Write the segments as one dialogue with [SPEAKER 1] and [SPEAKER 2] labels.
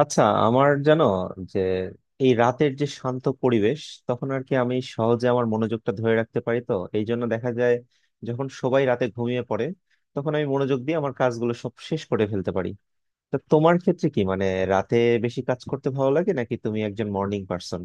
[SPEAKER 1] আচ্ছা, আমার জানো যে এই রাতের যে শান্ত পরিবেশ, তখন আর কি আমি সহজে আমার মনোযোগটা ধরে রাখতে পারি। তো এই জন্য দেখা যায়, যখন সবাই রাতে ঘুমিয়ে পড়ে তখন আমি মনোযোগ দিয়ে আমার কাজগুলো সব শেষ করে ফেলতে পারি। তা তোমার ক্ষেত্রে কি, মানে রাতে বেশি কাজ করতে ভালো লাগে নাকি তুমি একজন মর্নিং পার্সন?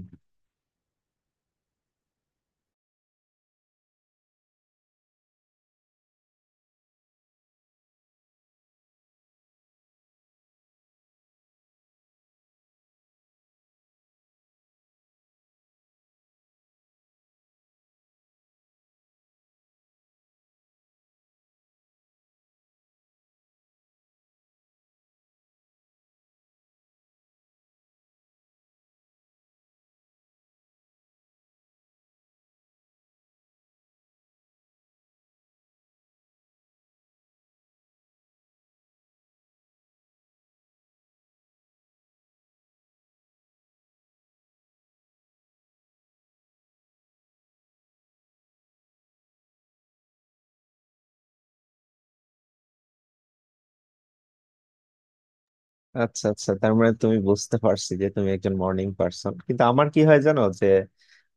[SPEAKER 1] আচ্ছা আচ্ছা তার মানে তুমি, বুঝতে পারছি যে তুমি একজন মর্নিং পার্সন। কিন্তু আমার কি হয় জানো যে,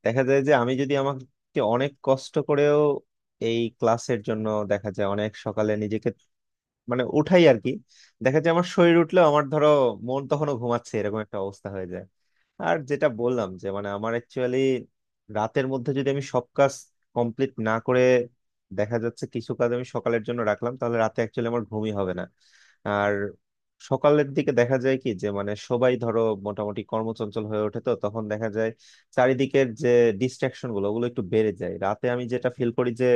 [SPEAKER 1] দেখা যায় যে আমি যদি আমাকে অনেক কষ্ট করেও এই ক্লাসের জন্য দেখা যায় অনেক সকালে নিজেকে মানে উঠাই আর কি, দেখা যায় আমার শরীর উঠলেও আমার ধরো মন তখনও ঘুমাচ্ছে, এরকম একটা অবস্থা হয়ে যায়। আর যেটা বললাম যে মানে আমার অ্যাকচুয়ালি রাতের মধ্যে যদি আমি সব কাজ কমপ্লিট না করে, দেখা যাচ্ছে কিছু কাজ আমি সকালের জন্য রাখলাম, তাহলে রাতে অ্যাকচুয়ালি আমার ঘুমই হবে না। আর সকালের দিকে দেখা যায় কি যে, মানে সবাই ধরো মোটামুটি কর্মচঞ্চল হয়ে ওঠে, তো তখন দেখা যায় চারিদিকের যে ডিস্ট্রাকশন গুলো, ওগুলো একটু বেড়ে যায়। রাতে আমি যেটা ফিল করি যে,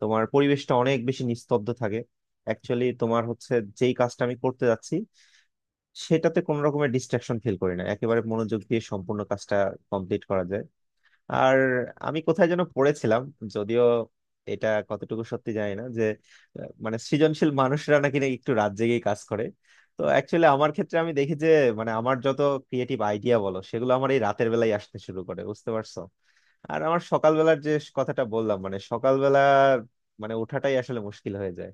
[SPEAKER 1] তোমার পরিবেশটা অনেক বেশি নিস্তব্ধ থাকে, অ্যাকচুয়ালি তোমার হচ্ছে যেই কাজটা আমি করতে যাচ্ছি সেটাতে কোনো রকমের ডিস্ট্রাকশন ফিল করি না, একেবারে মনোযোগ দিয়ে সম্পূর্ণ কাজটা কমপ্লিট করা যায়। আর আমি কোথায় যেন পড়েছিলাম, যদিও এটা কতটুকু সত্যি জানি না যে, মানে সৃজনশীল মানুষরা নাকি না একটু রাত জেগেই কাজ করে। তো অ্যাকচুয়ালি আমার ক্ষেত্রে আমি দেখি যে, মানে আমার যত ক্রিয়েটিভ আইডিয়া বলো, সেগুলো আমার এই রাতের বেলায় আসতে শুরু করে, বুঝতে পারছো? আর আমার সকালবেলার যে কথাটা বললাম, মানে সকালবেলা মানে ওঠাটাই আসলে মুশকিল হয়ে যায়।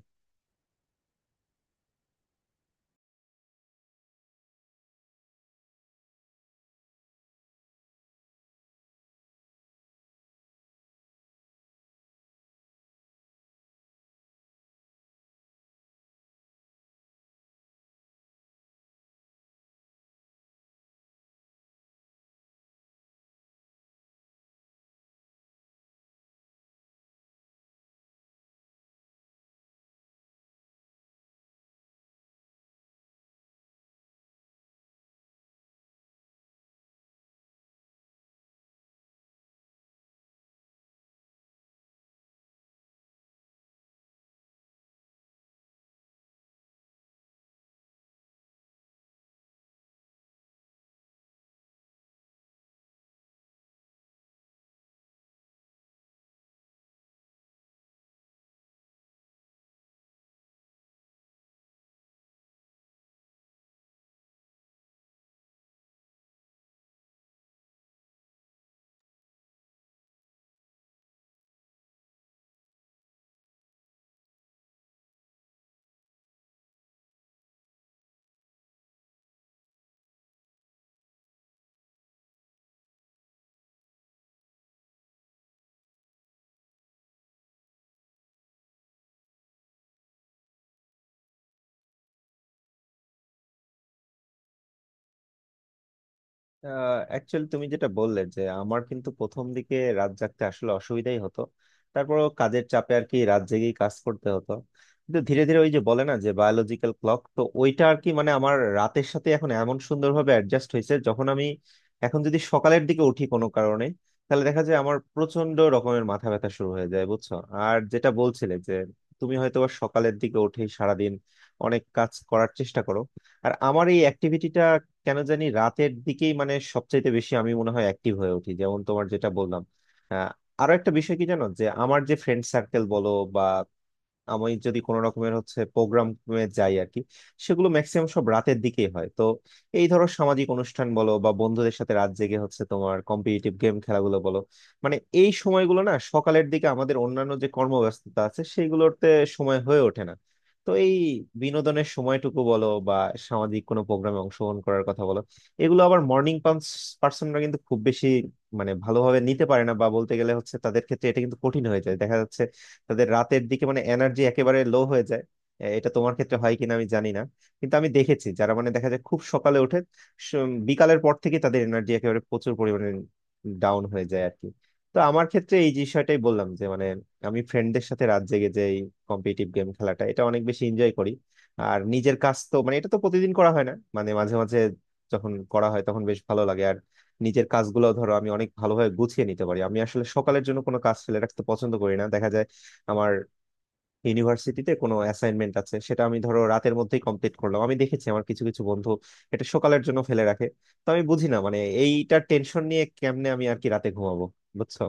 [SPEAKER 1] অ্যাকচুয়ালি তুমি যেটা বললে, যে আমার কিন্তু প্রথম দিকে রাত জাগতে আসলে অসুবিধাই হতো, তারপরও কাজের চাপে আর কি রাত জেগেই কাজ করতে হতো। কিন্তু ধীরে ধীরে ওই যে বলে না যে বায়োলজিক্যাল ক্লক, তো ওইটা আর কি, মানে আমার রাতের সাথে এখন এমন সুন্দরভাবে অ্যাডজাস্ট হয়েছে, যখন আমি এখন যদি সকালের দিকে উঠি কোনো কারণে, তাহলে দেখা যায় আমার প্রচন্ড রকমের মাথা ব্যথা শুরু হয়ে যায়, বুঝছো? আর যেটা বলছিলে যে তুমি হয়তো বা সকালের দিকে উঠে সারাদিন অনেক কাজ করার চেষ্টা করো, আর আমার এই অ্যাক্টিভিটিটা কেন জানি রাতের দিকেই, মানে সবচাইতে বেশি আমি মনে হয় অ্যাক্টিভ হয়ে উঠি, যেমন তোমার যেটা বললাম। আহ, আরো একটা বিষয় কি জানো যে, আমার যে ফ্রেন্ড সার্কেল বলো বা আমি যদি কোনো রকমের হচ্ছে প্রোগ্রামে যাই আর কি, সেগুলো ম্যাক্সিমাম সব রাতের দিকেই হয়। তো এই ধরো সামাজিক অনুষ্ঠান বলো বা বন্ধুদের সাথে রাত জেগে হচ্ছে তোমার কম্পিটিটিভ গেম খেলাগুলো বলো, মানে এই সময়গুলো না সকালের দিকে আমাদের অন্যান্য যে কর্মব্যস্ততা আছে সেইগুলোতে সময় হয়ে ওঠে না। তো এই বিনোদনের সময়টুকু বলো বা সামাজিক কোনো প্রোগ্রামে অংশগ্রহণ করার কথা বলো, এগুলো আবার মর্নিং পার্সনরা কিন্তু খুব বেশি মানে ভালোভাবে নিতে পারে না, বা বলতে গেলে হচ্ছে তাদের ক্ষেত্রে এটা কিন্তু কঠিন হয়ে যায়, দেখা যাচ্ছে তাদের রাতের দিকে মানে এনার্জি একেবারে লো হয়ে যায়। এটা তোমার ক্ষেত্রে হয় কিনা আমি জানি না, কিন্তু আমি দেখেছি যারা মানে দেখা যায় খুব সকালে ওঠে, স- বিকালের পর থেকে তাদের এনার্জি একেবারে প্রচুর পরিমাণে ডাউন হয়ে যায় আর কি। তো আমার ক্ষেত্রে এই বিষয়টাই বললাম যে মানে আমি ফ্রেন্ডদের সাথে রাত জেগে যে কম্পিটিটিভ গেম খেলাটা এটা অনেক বেশি এনজয় করি। আর নিজের কাজ তো মানে এটা তো প্রতিদিন করা হয় না, মানে মাঝে মাঝে যখন করা হয় তখন বেশ ভালো লাগে। আর নিজের কাজগুলো ধরো আমি অনেক ভালোভাবে গুছিয়ে নিতে পারি, আমি আসলে সকালের জন্য কোনো কাজ ফেলে রাখতে পছন্দ করি না। দেখা যায় আমার ইউনিভার্সিটিতে কোনো অ্যাসাইনমেন্ট আছে সেটা আমি ধরো রাতের মধ্যেই কমপ্লিট করলাম, আমি দেখেছি আমার কিছু কিছু বন্ধু এটা সকালের জন্য ফেলে রাখে। তো আমি বুঝি না মানে এইটার টেনশন নিয়ে কেমনে আমি আর কি রাতে ঘুমাবো, বুঝছো?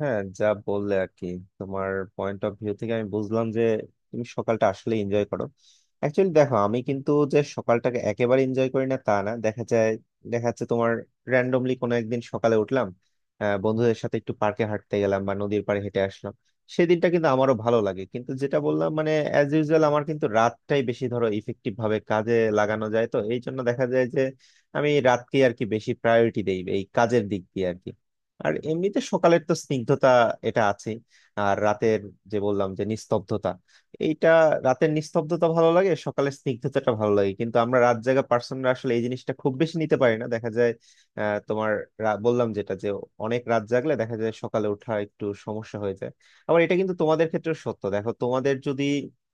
[SPEAKER 1] হ্যাঁ, যা বললে আর কি, তোমার পয়েন্ট অফ ভিউ থেকে আমি বুঝলাম যে তুমি সকালটা আসলে এনজয় করো। অ্যাকচুয়ালি দেখো আমি কিন্তু যে সকালটাকে একেবারে এনজয় করি না তা না, দেখা যায় দেখা যাচ্ছে তোমার র্যান্ডমলি কোনো একদিন সকালে উঠলাম, বন্ধুদের সাথে একটু পার্কে হাঁটতে গেলাম বা নদীর পাড়ে হেঁটে আসলাম, সেদিনটা কিন্তু আমারও ভালো লাগে। কিন্তু যেটা বললাম, মানে অ্যাজ ইউজুয়াল আমার কিন্তু রাতটাই বেশি ধরো ইফেক্টিভ ভাবে কাজে লাগানো যায়। তো এই জন্য দেখা যায় যে আমি রাতকে আর কি বেশি প্রায়োরিটি দেই এই কাজের দিক দিয়ে আর কি। আর এমনিতে সকালের তো স্নিগ্ধতা এটা আছে, আর রাতের যে বললাম যে নিস্তব্ধতা এইটা, রাতের নিস্তব্ধতা ভালো লাগে, সকালের স্নিগ্ধতাটা ভালো লাগে, কিন্তু আমরা রাত জাগা পার্সনরা আসলে এই জিনিসটা খুব বেশি নিতে পারি না দেখা যায়। আহ, তোমার বললাম যেটা, যে অনেক রাত জাগলে দেখা যায় সকালে ওঠা একটু সমস্যা হয়ে যায়। আবার এটা কিন্তু তোমাদের ক্ষেত্রে সত্য, দেখো তোমাদের যদি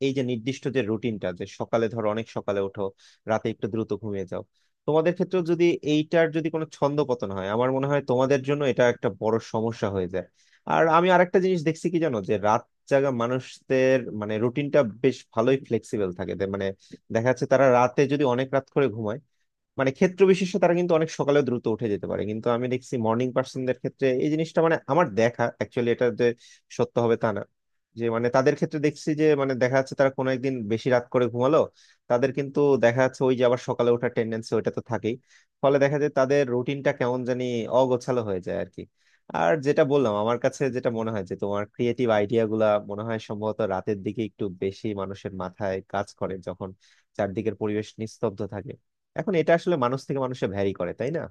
[SPEAKER 1] এই যে নির্দিষ্ট যে রুটিনটা যে সকালে ধরো অনেক সকালে ওঠো, রাতে একটু দ্রুত ঘুমিয়ে যাও, তোমাদের ক্ষেত্রেও যদি এইটার যদি কোনো ছন্দপতন হয়, আমার মনে হয় তোমাদের জন্য এটা একটা বড় সমস্যা হয়ে যায়। আর আমি আরেকটা জিনিস দেখছি কি জানো যে, রাত জাগা মানুষদের মানে রুটিনটা বেশ ভালোই ফ্লেক্সিবল থাকে, মানে দেখা যাচ্ছে তারা রাতে যদি অনেক রাত করে ঘুমায়, মানে ক্ষেত্র বিশেষে তারা কিন্তু অনেক সকালে দ্রুত উঠে যেতে পারে। কিন্তু আমি দেখছি মর্নিং পার্সনদের ক্ষেত্রে এই জিনিসটা, মানে আমার দেখা অ্যাকচুয়ালি এটা যে সত্য হবে তা না, যে মানে তাদের ক্ষেত্রে দেখছি যে মানে দেখা যাচ্ছে তারা কোনো একদিন বেশি রাত করে ঘুমালো, তাদের কিন্তু দেখা যাচ্ছে ওই যে আবার সকালে ওঠার টেন্ডেন্সি ওইটা তো থাকেই, ফলে দেখা যায় তাদের রুটিনটা কেমন জানি অগোছালো হয়ে যায় আর কি। আর যেটা বললাম, আমার কাছে যেটা মনে হয় যে তোমার ক্রিয়েটিভ আইডিয়া গুলা মনে হয় সম্ভবত রাতের দিকে একটু বেশি মানুষের মাথায় কাজ করে, যখন চারদিকের পরিবেশ নিস্তব্ধ থাকে। এখন এটা আসলে মানুষ থেকে মানুষে ভ্যারি করে, তাই না?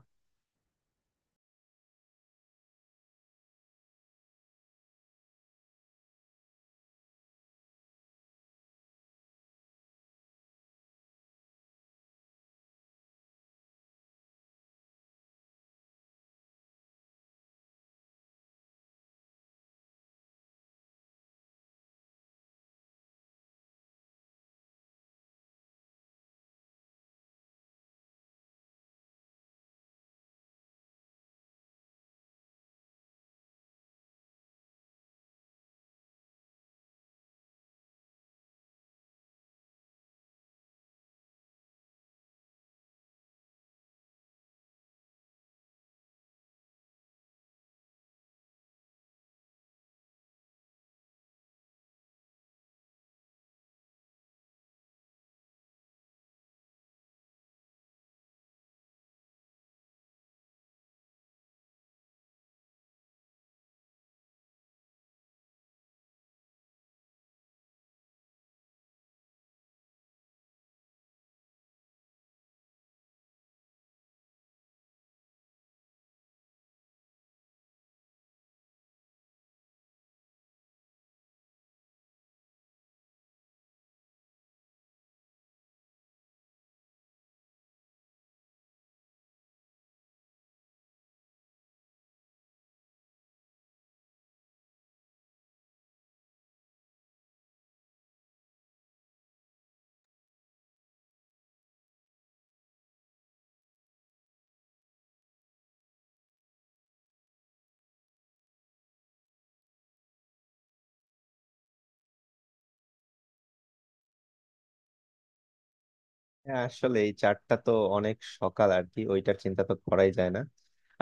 [SPEAKER 1] হ্যাঁ, আসলে এই চারটা তো অনেক সকাল আর কি, ওইটার চিন্তা তো করাই যায় না।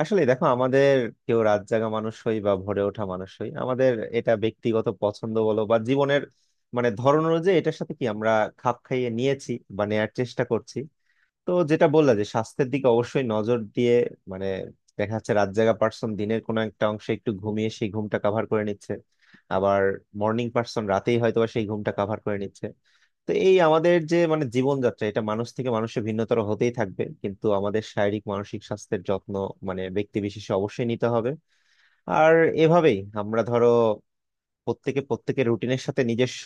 [SPEAKER 1] আসলে দেখো আমাদের কেউ রাত জাগা মানুষ হই বা ভোরে ওঠা মানুষ হই, আমাদের এটা ব্যক্তিগত পছন্দ বলো বা জীবনের মানে ধরন অনুযায়ী এটার সাথে কি আমরা খাপ খাইয়ে নিয়েছি বা নেয়ার চেষ্টা করছি। তো যেটা বললা যে স্বাস্থ্যের দিকে অবশ্যই নজর দিয়ে, মানে দেখা যাচ্ছে রাত জাগা পার্সন দিনের কোনো একটা অংশে একটু ঘুমিয়ে সেই ঘুমটা কাভার করে নিচ্ছে, আবার মর্নিং পার্সন রাতেই হয়তো বা সেই ঘুমটা কাভার করে নিচ্ছে। তো এই আমাদের যে মানে জীবনযাত্রা এটা মানুষ থেকে মানুষে ভিন্নতর হতেই থাকবে, কিন্তু আমাদের শারীরিক মানসিক স্বাস্থ্যের যত্ন মানে ব্যক্তি বিশেষে অবশ্যই নিতে হবে। আর এভাবেই আমরা ধরো প্রত্যেকে প্রত্যেকের রুটিনের সাথে নিজস্ব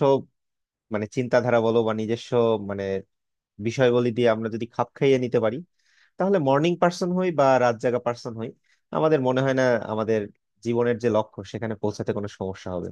[SPEAKER 1] মানে চিন্তাধারা বলো বা নিজস্ব মানে বিষয়বলী দিয়ে আমরা যদি খাপ খাইয়ে নিতে পারি, তাহলে মর্নিং পার্সন হই বা রাত জাগা পার্সন হই, আমাদের মনে হয় না আমাদের জীবনের যে লক্ষ্য সেখানে পৌঁছাতে কোনো সমস্যা হবে।